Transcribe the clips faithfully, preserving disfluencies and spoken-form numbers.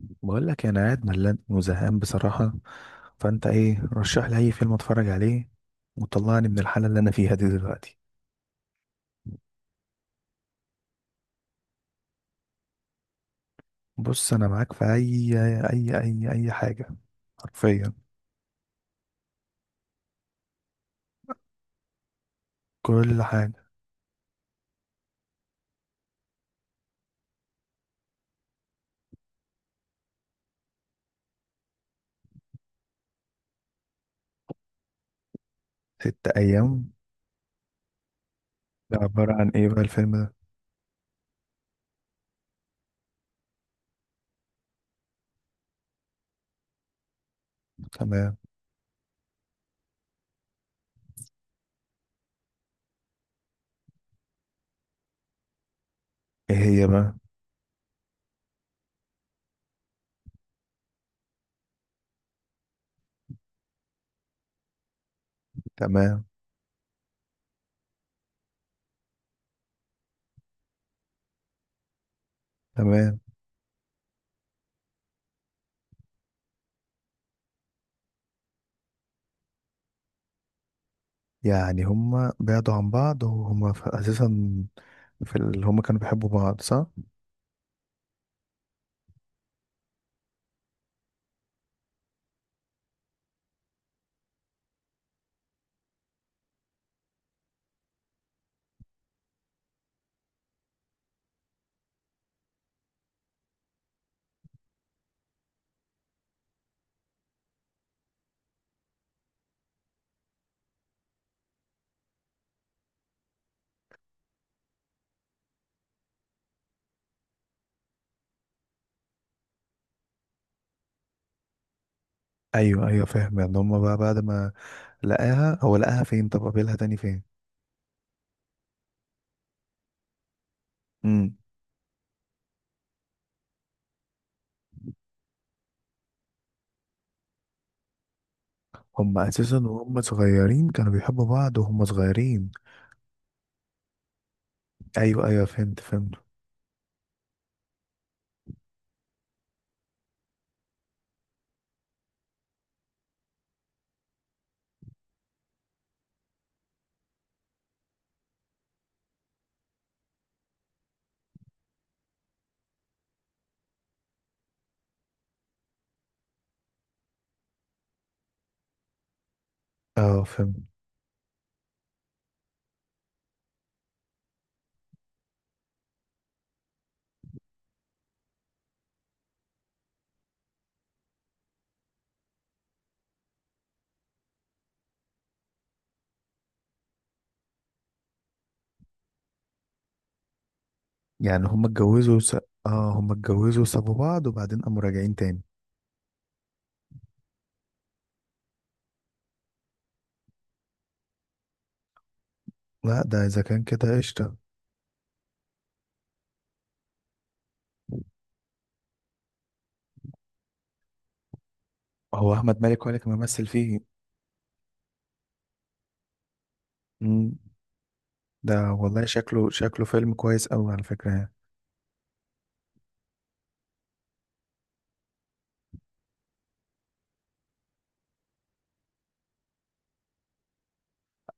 بقول لك انا قاعد ملان وزهقان بصراحة. فانت ايه، رشح لي اي فيلم اتفرج عليه وطلعني من الحالة اللي انا فيها دي دلوقتي. بص، انا معاك في اي اي اي اي حاجة، حرفيا كل حاجة. ست ايام، ده عبارة عن ايه بقى الفيلم ده؟ تمام. ايه هي بقى؟ تمام. تمام، يعني هما بعدوا عن بعض وهما في اساسا في اللي هما كانوا بيحبوا بعض، صح؟ ايوه ايوه فاهم. يعني هما بقى بعد ما لقاها هو لقاها فين؟ طب قابلها تاني فين؟ مم. هم اساسا وهم صغيرين كانوا بيحبوا بعض وهم صغيرين. ايوه ايوه، فهمت فهمت. اه فهمت. يعني هم اتجوزوا س... اه، هم اتجوزوا وسابوا بعض وبعدين قاموا راجعين تاني. لا ده اذا كان كده قشطه. هو احمد مالك هو اللي كان ممثل فيه؟ امم. ده والله شكله شكله فيلم كويس قوي على فكره يعني.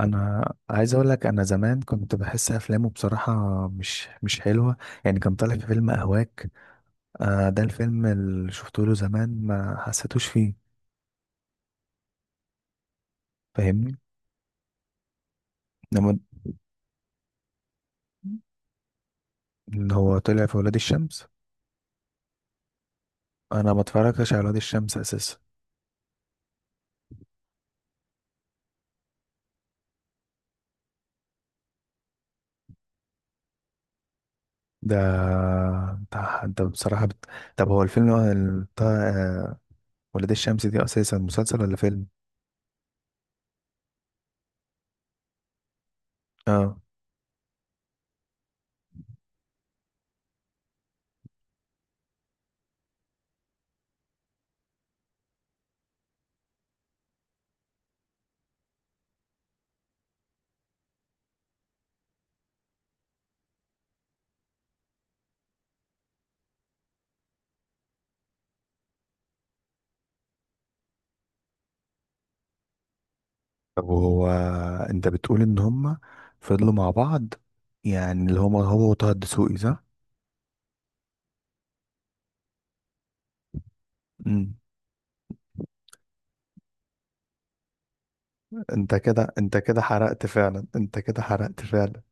انا عايز اقول لك، انا زمان كنت بحس افلامه بصراحه مش مش حلوه. يعني كان طالع في فيلم اهواك، آه ده الفيلم اللي شفته له زمان، ما حسيتوش فيه، فاهمني؟ لما اللي هو طلع في ولاد الشمس. انا ما اتفرجتش على ولاد الشمس اساسا. ده انت انت بصراحة بت... طب هو الفيلم هو ال- بتاع آه، ولاد الشمس دي اساسا مسلسل ولا فيلم؟ اه. طب هو انت بتقول ان هما فضلوا مع بعض، يعني اللي هما هو وطه الدسوقي، صح؟ امم. انت كده انت كده حرقت فعلا، انت كده حرقت فعلا.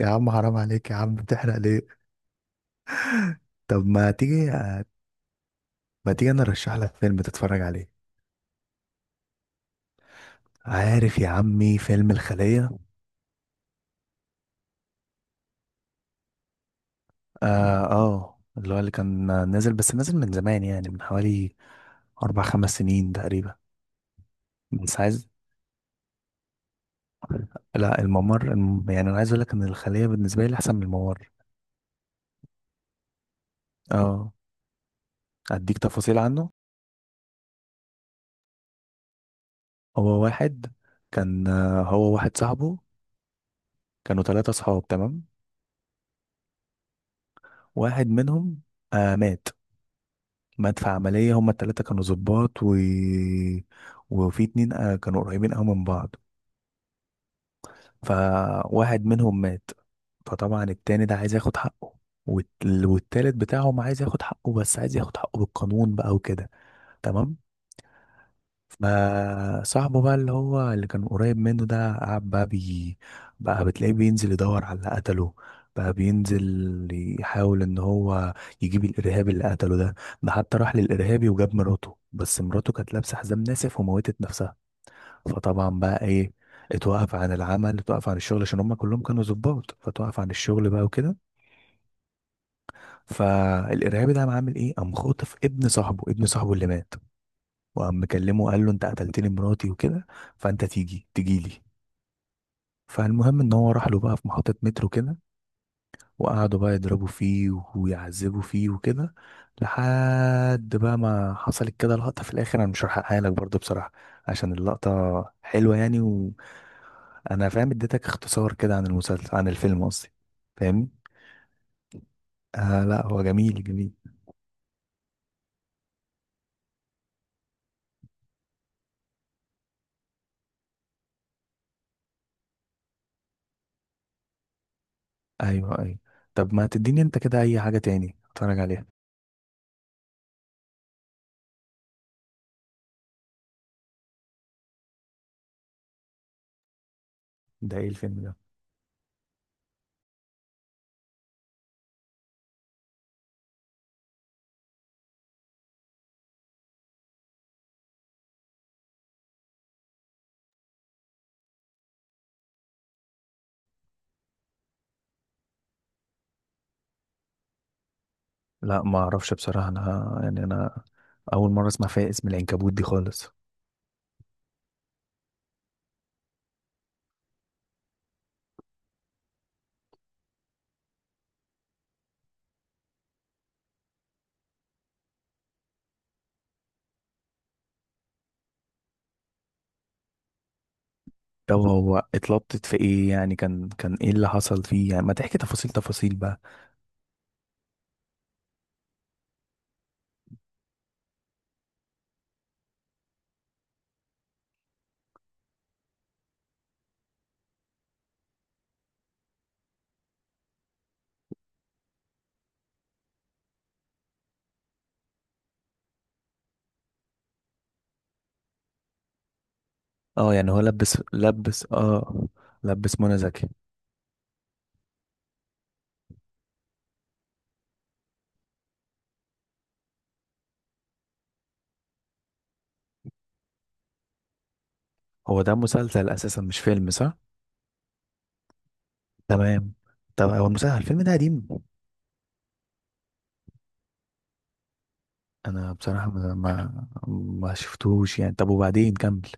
يا عم حرام عليك، يا عم بتحرق ليه؟ طب ما تيجي، ما تيجي انا ارشح لك فيلم تتفرج عليه. عارف يا عمي فيلم الخلية؟ اه اه، اللي هو اللي كان نازل، بس نازل من زمان، يعني من حوالي أربع خمس سنين تقريبا. بس عايز، لا الممر الم- يعني أنا عايز أقول لك إن الخلية بالنسبة لي أحسن من الممر. اه، أديك تفاصيل عنه. هو واحد، كان آه، هو واحد صاحبه، كانوا ثلاثة صحاب، تمام؟ واحد منهم آه مات، مات في عملية. هما التلاتة كانوا ظباط، و... وفي اتنين آه كانوا قريبين أوي من بعض، فواحد منهم مات. فطبعا التاني ده عايز ياخد حقه، والت- والتالت بتاعهم عايز ياخد حقه، بس عايز ياخد حقه بالقانون بقى وكده. تمام. فصاحبه بقى اللي هو اللي كان قريب منه ده قعد بقى بي بقى بتلاقيه بينزل يدور على اللي قتله، بقى بينزل يحاول ان هو يجيب الارهابي اللي قتله ده. ده حتى راح للارهابي وجاب مراته، بس مراته كانت لابسه حزام ناسف وموتت نفسها. فطبعا بقى ايه، اتوقف عن العمل، اتوقف عن الشغل، عشان هم كلهم كانوا ظباط، فتوقف عن الشغل بقى وكده. فالارهابي ده قام عامل ايه، قام خاطف ابن صاحبه، ابن صاحبه اللي مات، وقام مكلمه قال له انت قتلتني مراتي وكده، فانت تيجي تيجي لي. فالمهم ان هو راح له بقى في محطة مترو كده، وقعدوا بقى يضربوا فيه ويعذبوا فيه وكده. لحد بقى ما حصلت كده لقطة في الآخر، أنا مش هحرقها لك برضه بصراحة عشان اللقطة حلوة يعني. انا فاهم، اديتك اختصار كده عن المسلسل، عن الفيلم قصدي، فاهمني؟ آه لا هو جميل جميل. ايوه ايوه، طب ما تديني انت كده اي حاجه تاني اتفرج عليها. ده ايه الفيلم ده؟ لا ما اعرفش بصراحه، انا يعني انا اول مره اسمع فيها اسم العنكبوت دي خالص. طب هو اتلبطت في ايه يعني، كان كان ايه اللي حصل فيه يعني، ما تحكي تفاصيل تفاصيل بقى. اه يعني هو لبس لبس اه، لبس منى زكي. هو ده مسلسل اساسا مش فيلم، صح؟ تمام. طب هو المسلسل، الفيلم ده قديم؟ انا بصراحة ما ما, ما شفتهوش يعني، طب وبعدين كمل.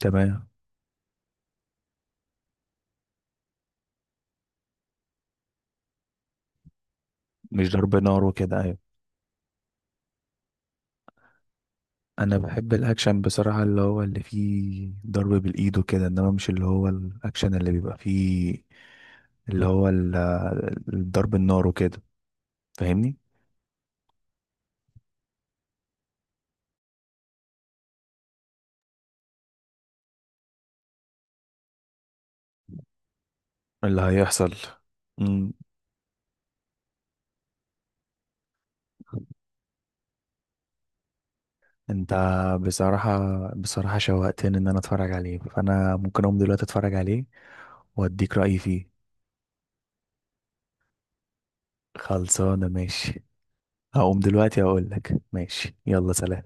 تمام. مش ضرب نار وكده، ايوه. انا بحب الاكشن بصراحة اللي هو اللي فيه ضرب بالايد وكده، انما مش اللي هو الاكشن اللي بيبقى فيه اللي هو ال- الضرب النار وكده، فاهمني؟ اللي هيحصل. مم. انت بصراحة، بصراحة شوقتني ان انا اتفرج عليه، فانا ممكن اقوم دلوقتي اتفرج عليه واديك رأيي فيه. خلصانة ماشي. هقوم دلوقتي، اقول لك ماشي، يلا سلام.